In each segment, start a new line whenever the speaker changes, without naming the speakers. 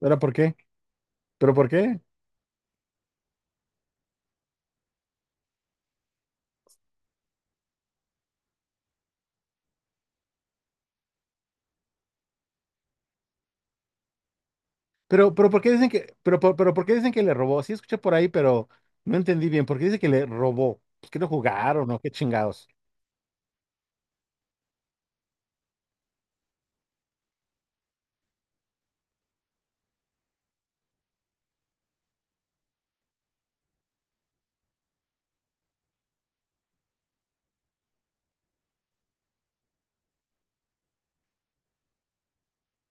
¿Ahora por qué? ¿Pero por qué? Pero, ¿por qué dicen que le robó? Sí escuché por ahí, pero no entendí bien. ¿Por qué dice que le robó? Pues que no jugaron o qué chingados.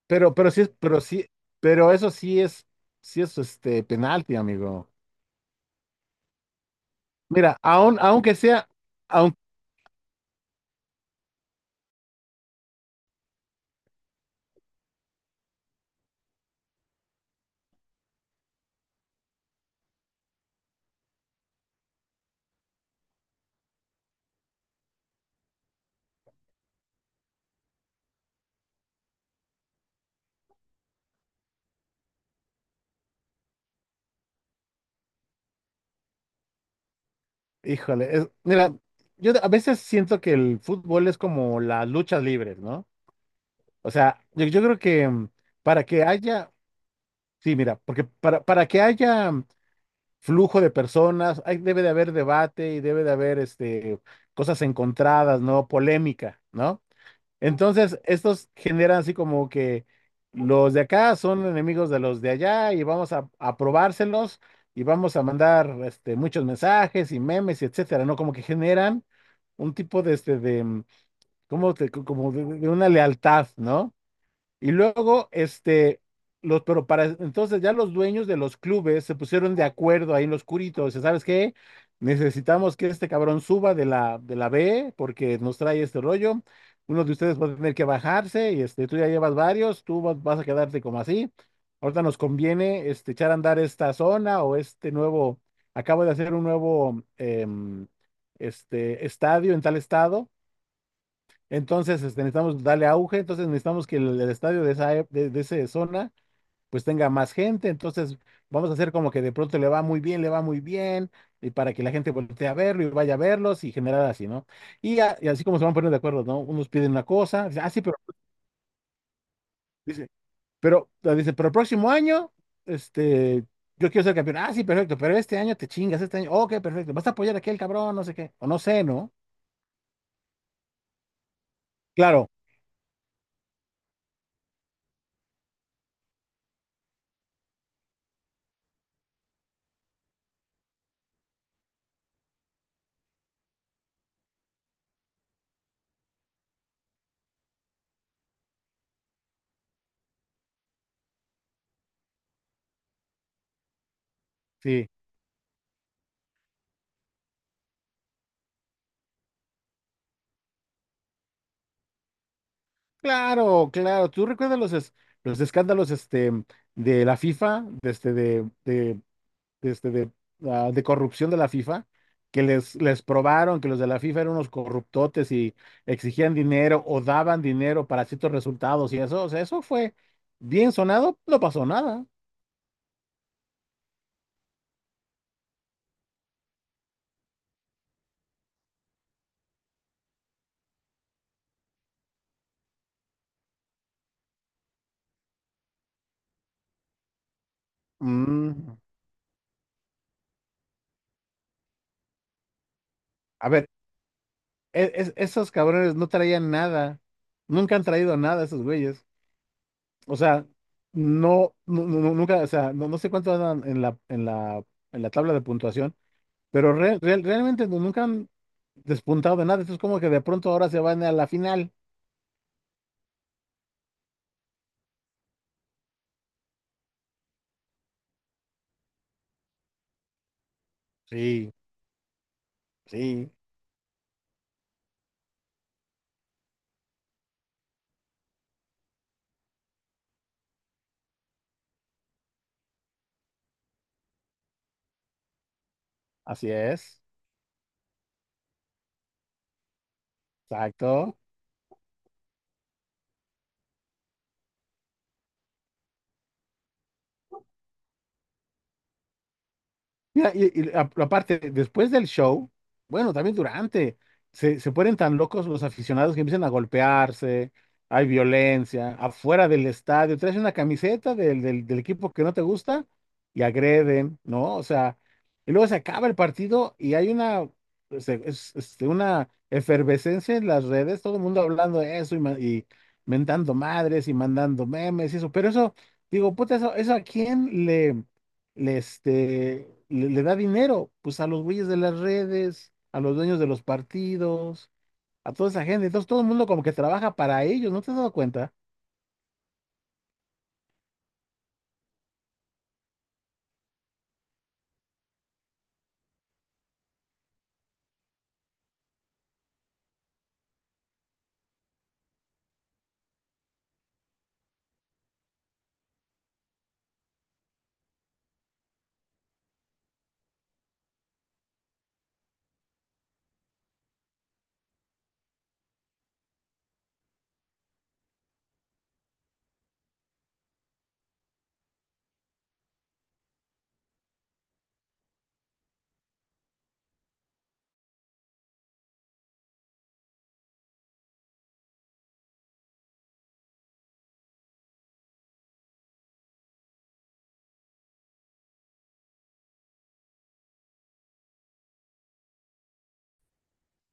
Pero pero eso sí es este penalti, amigo. Mira, aunque sea, aun, híjole, mira, yo a veces siento que el fútbol es como las luchas libres, ¿no? O sea, yo creo que para que haya, sí, mira, porque para que haya flujo de personas, debe de haber debate y debe de haber cosas encontradas, ¿no? Polémica, ¿no? Entonces, estos generan así como que los de acá son enemigos de los de allá y vamos a probárselos y vamos a mandar muchos mensajes y memes y etcétera, ¿no? Como que generan un tipo de, este, de, mm, como de una lealtad, ¿no? Y luego, entonces ya los dueños de los clubes se pusieron de acuerdo ahí en los curitos, ¿sabes qué? Necesitamos que este cabrón suba de la B porque nos trae este rollo. Uno de ustedes va a tener que bajarse y tú ya llevas varios, vas a quedarte como así. Ahorita nos conviene echar a andar esta zona o acabo de hacer un nuevo estadio en tal estado. Entonces, necesitamos darle auge, entonces necesitamos que el estadio de esa zona pues tenga más gente. Entonces vamos a hacer como que de pronto le va muy bien, y para que la gente voltee a verlo y vaya a verlos y generar así, ¿no? Y así como se van poniendo de acuerdo, ¿no? Unos piden una cosa, dice, ah, sí, pero, dice, pero, ah, dice, pero el próximo año, este, yo quiero ser campeón, ah, sí, perfecto, pero este año te chingas, este año, ok, perfecto, vas a apoyar a aquel cabrón, no sé qué, o no sé, ¿no? Claro, sí. Claro, claro. ¿Tú recuerdas los escándalos de la FIFA, de, este, de, este, de, ah, de corrupción de la FIFA? Que les probaron que los de la FIFA eran unos corruptotes y exigían dinero o daban dinero para ciertos resultados y eso. O sea, eso fue bien sonado, no pasó nada. Mm, A ver, esos cabrones no traían nada. Nunca han traído nada esos güeyes. O sea, no, nunca. O sea, no, no sé cuánto andan en la tabla de puntuación, pero realmente nunca han despuntado de nada. Esto es como que de pronto ahora se van a la final. Sí, sí, así es. Exacto. Mira, aparte, después del show, bueno, también durante, se ponen tan locos los aficionados que empiezan a golpearse, hay violencia, afuera del estadio, traes una camiseta del equipo que no te gusta y agreden, ¿no? O sea, y luego se acaba el partido y hay una una efervescencia en las redes, todo el mundo hablando de eso y mentando madres y mandando memes y eso, pero eso, digo, puta, eso ¿a quién le da dinero? Pues a los güeyes de las redes, a los dueños de los partidos, a toda esa gente. Entonces todo el mundo como que trabaja para ellos, ¿no te has dado cuenta?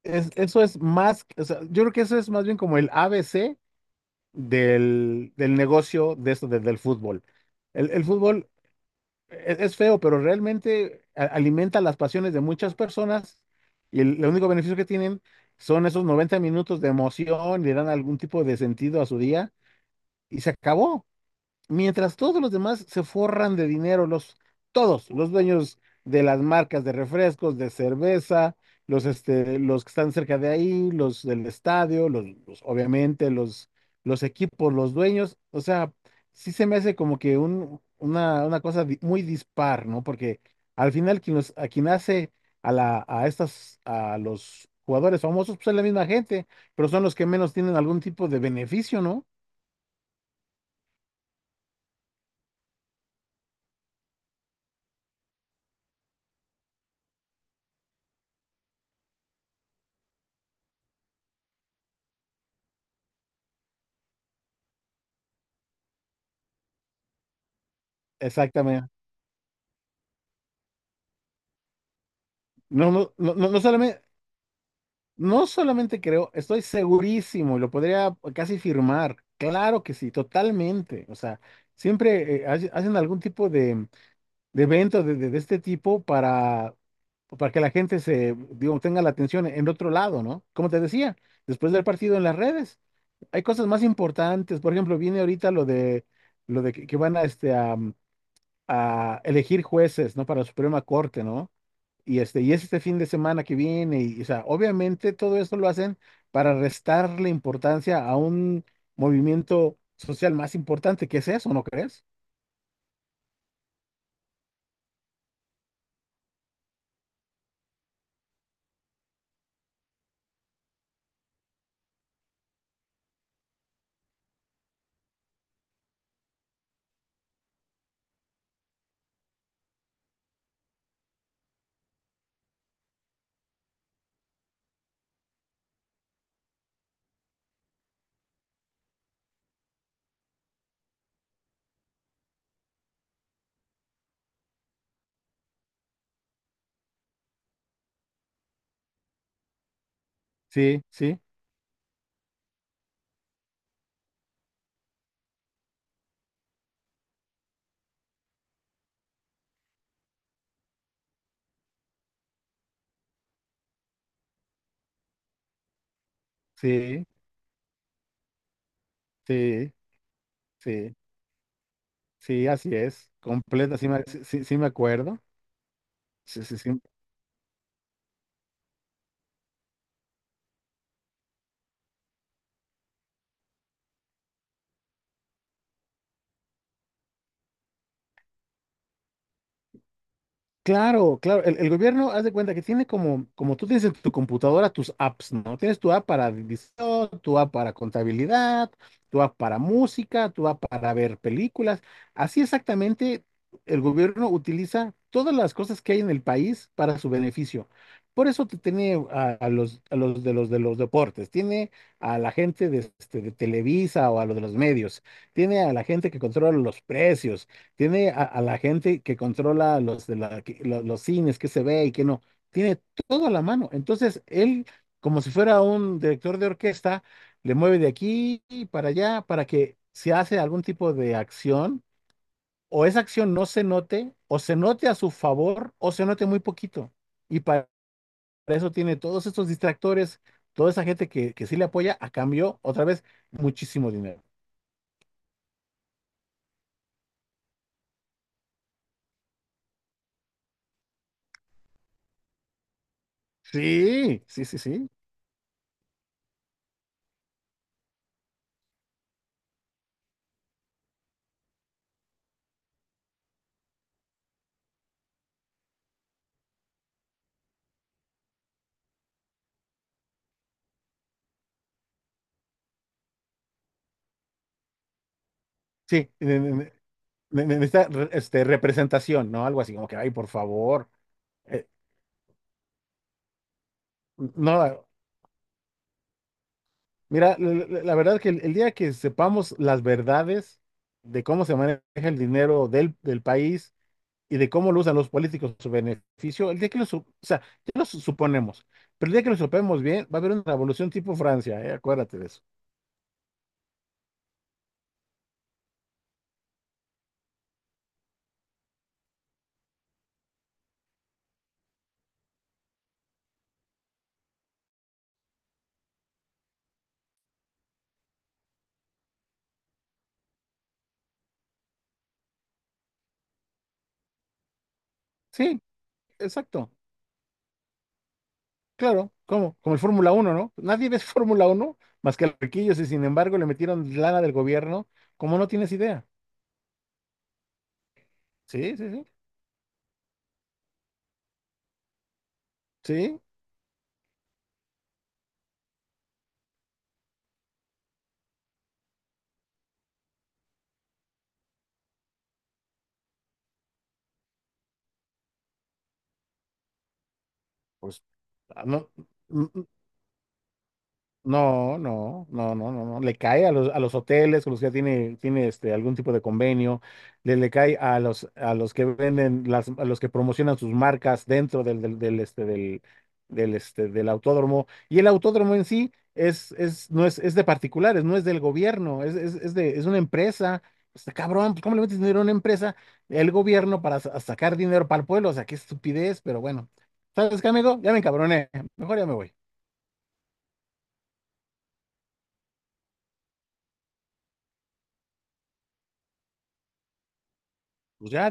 Eso es más. O sea, yo creo que eso es más bien como el ABC del negocio de esto, del fútbol. El fútbol es feo, pero realmente alimenta las pasiones de muchas personas y el único beneficio que tienen son esos 90 minutos de emoción, le dan algún tipo de sentido a su día y se acabó. Mientras todos los demás se forran de dinero, todos, los dueños de las marcas de refrescos, de cerveza, los que están cerca de ahí, los del estadio, obviamente los equipos, los dueños. O sea, sí se me hace como que un, una cosa muy dispar, ¿no? Porque al final a quien hace a, la, a estas, a los jugadores famosos, pues es la misma gente, pero son los que menos tienen algún tipo de beneficio, ¿no? Exactamente. No, no, no, no, no solamente creo, estoy segurísimo, lo podría casi firmar. Claro que sí, totalmente. O sea, siempre hacen algún tipo de evento de este tipo para que la gente digo, tenga la atención en otro lado, ¿no? Como te decía, después del partido en las redes, hay cosas más importantes. Por ejemplo, viene ahorita lo de, que van a elegir jueces, ¿no? Para la Suprema Corte, ¿no? Y es este fin de semana que viene, y, o sea, obviamente todo esto lo hacen para restarle importancia a un movimiento social más importante, que es eso, ¿no crees? Sí, sí, sí, sí, sí, sí, así es, completa, sí me acuerdo, sí, sí, sí. Claro, claro. El gobierno, haz de cuenta que tiene como tú tienes en tu computadora tus apps, ¿no? Tienes tu app para división, tu app para contabilidad, tu app para música, tu app para ver películas. Así exactamente, el gobierno utiliza todas las cosas que hay en el país para su beneficio. Por eso te tiene a los de los de los deportes, tiene a la gente de Televisa o a los de los medios, tiene a la gente que controla los precios. Tiene a la gente que controla los, de la, que- lo- los, cines, qué se ve y qué no, tiene todo a la mano. Entonces, él, como si fuera un director de orquesta, le mueve de aquí y para allá para que se hace algún tipo de acción o esa acción no se note o se note a su favor o se note muy poquito. Y para eso tiene todos estos distractores, toda esa gente que sí le apoya a cambio, otra vez, muchísimo dinero. Sí, sí, sí, sí. Sí, necesita representación, ¿no? Algo así como que, ay, por favor. Eh, no, mira, la verdad que el día que sepamos las verdades de cómo se maneja el dinero del país y de cómo lo usan los políticos a su beneficio, el día que o sea, ya lo suponemos, pero el día que lo supemos bien, va a haber una revolución tipo Francia, ¿eh? Acuérdate de eso. Sí, exacto, claro, ¿cómo? ¿Como el Fórmula 1, ¿no? Nadie ve Fórmula 1 más que los riquillos y sin embargo le metieron lana del gobierno, como no tienes idea. Sí, sí, sí. Sí, pues no, n- no, no, no, no, no, no. Le cae a los hoteles con los que ya tiene algún tipo de convenio. Le cae a los que promocionan sus marcas dentro del autódromo. Y el autódromo en sí no es, es de particulares, no es del gobierno, es una empresa. Pues, está cabrón, pues, ¿cómo le metes dinero a una empresa? El gobierno para sacar dinero para el pueblo. O sea, qué estupidez, pero bueno. ¿Sabes qué, amigo? Ya me encabroné. Mejor ya me voy. Pues ya.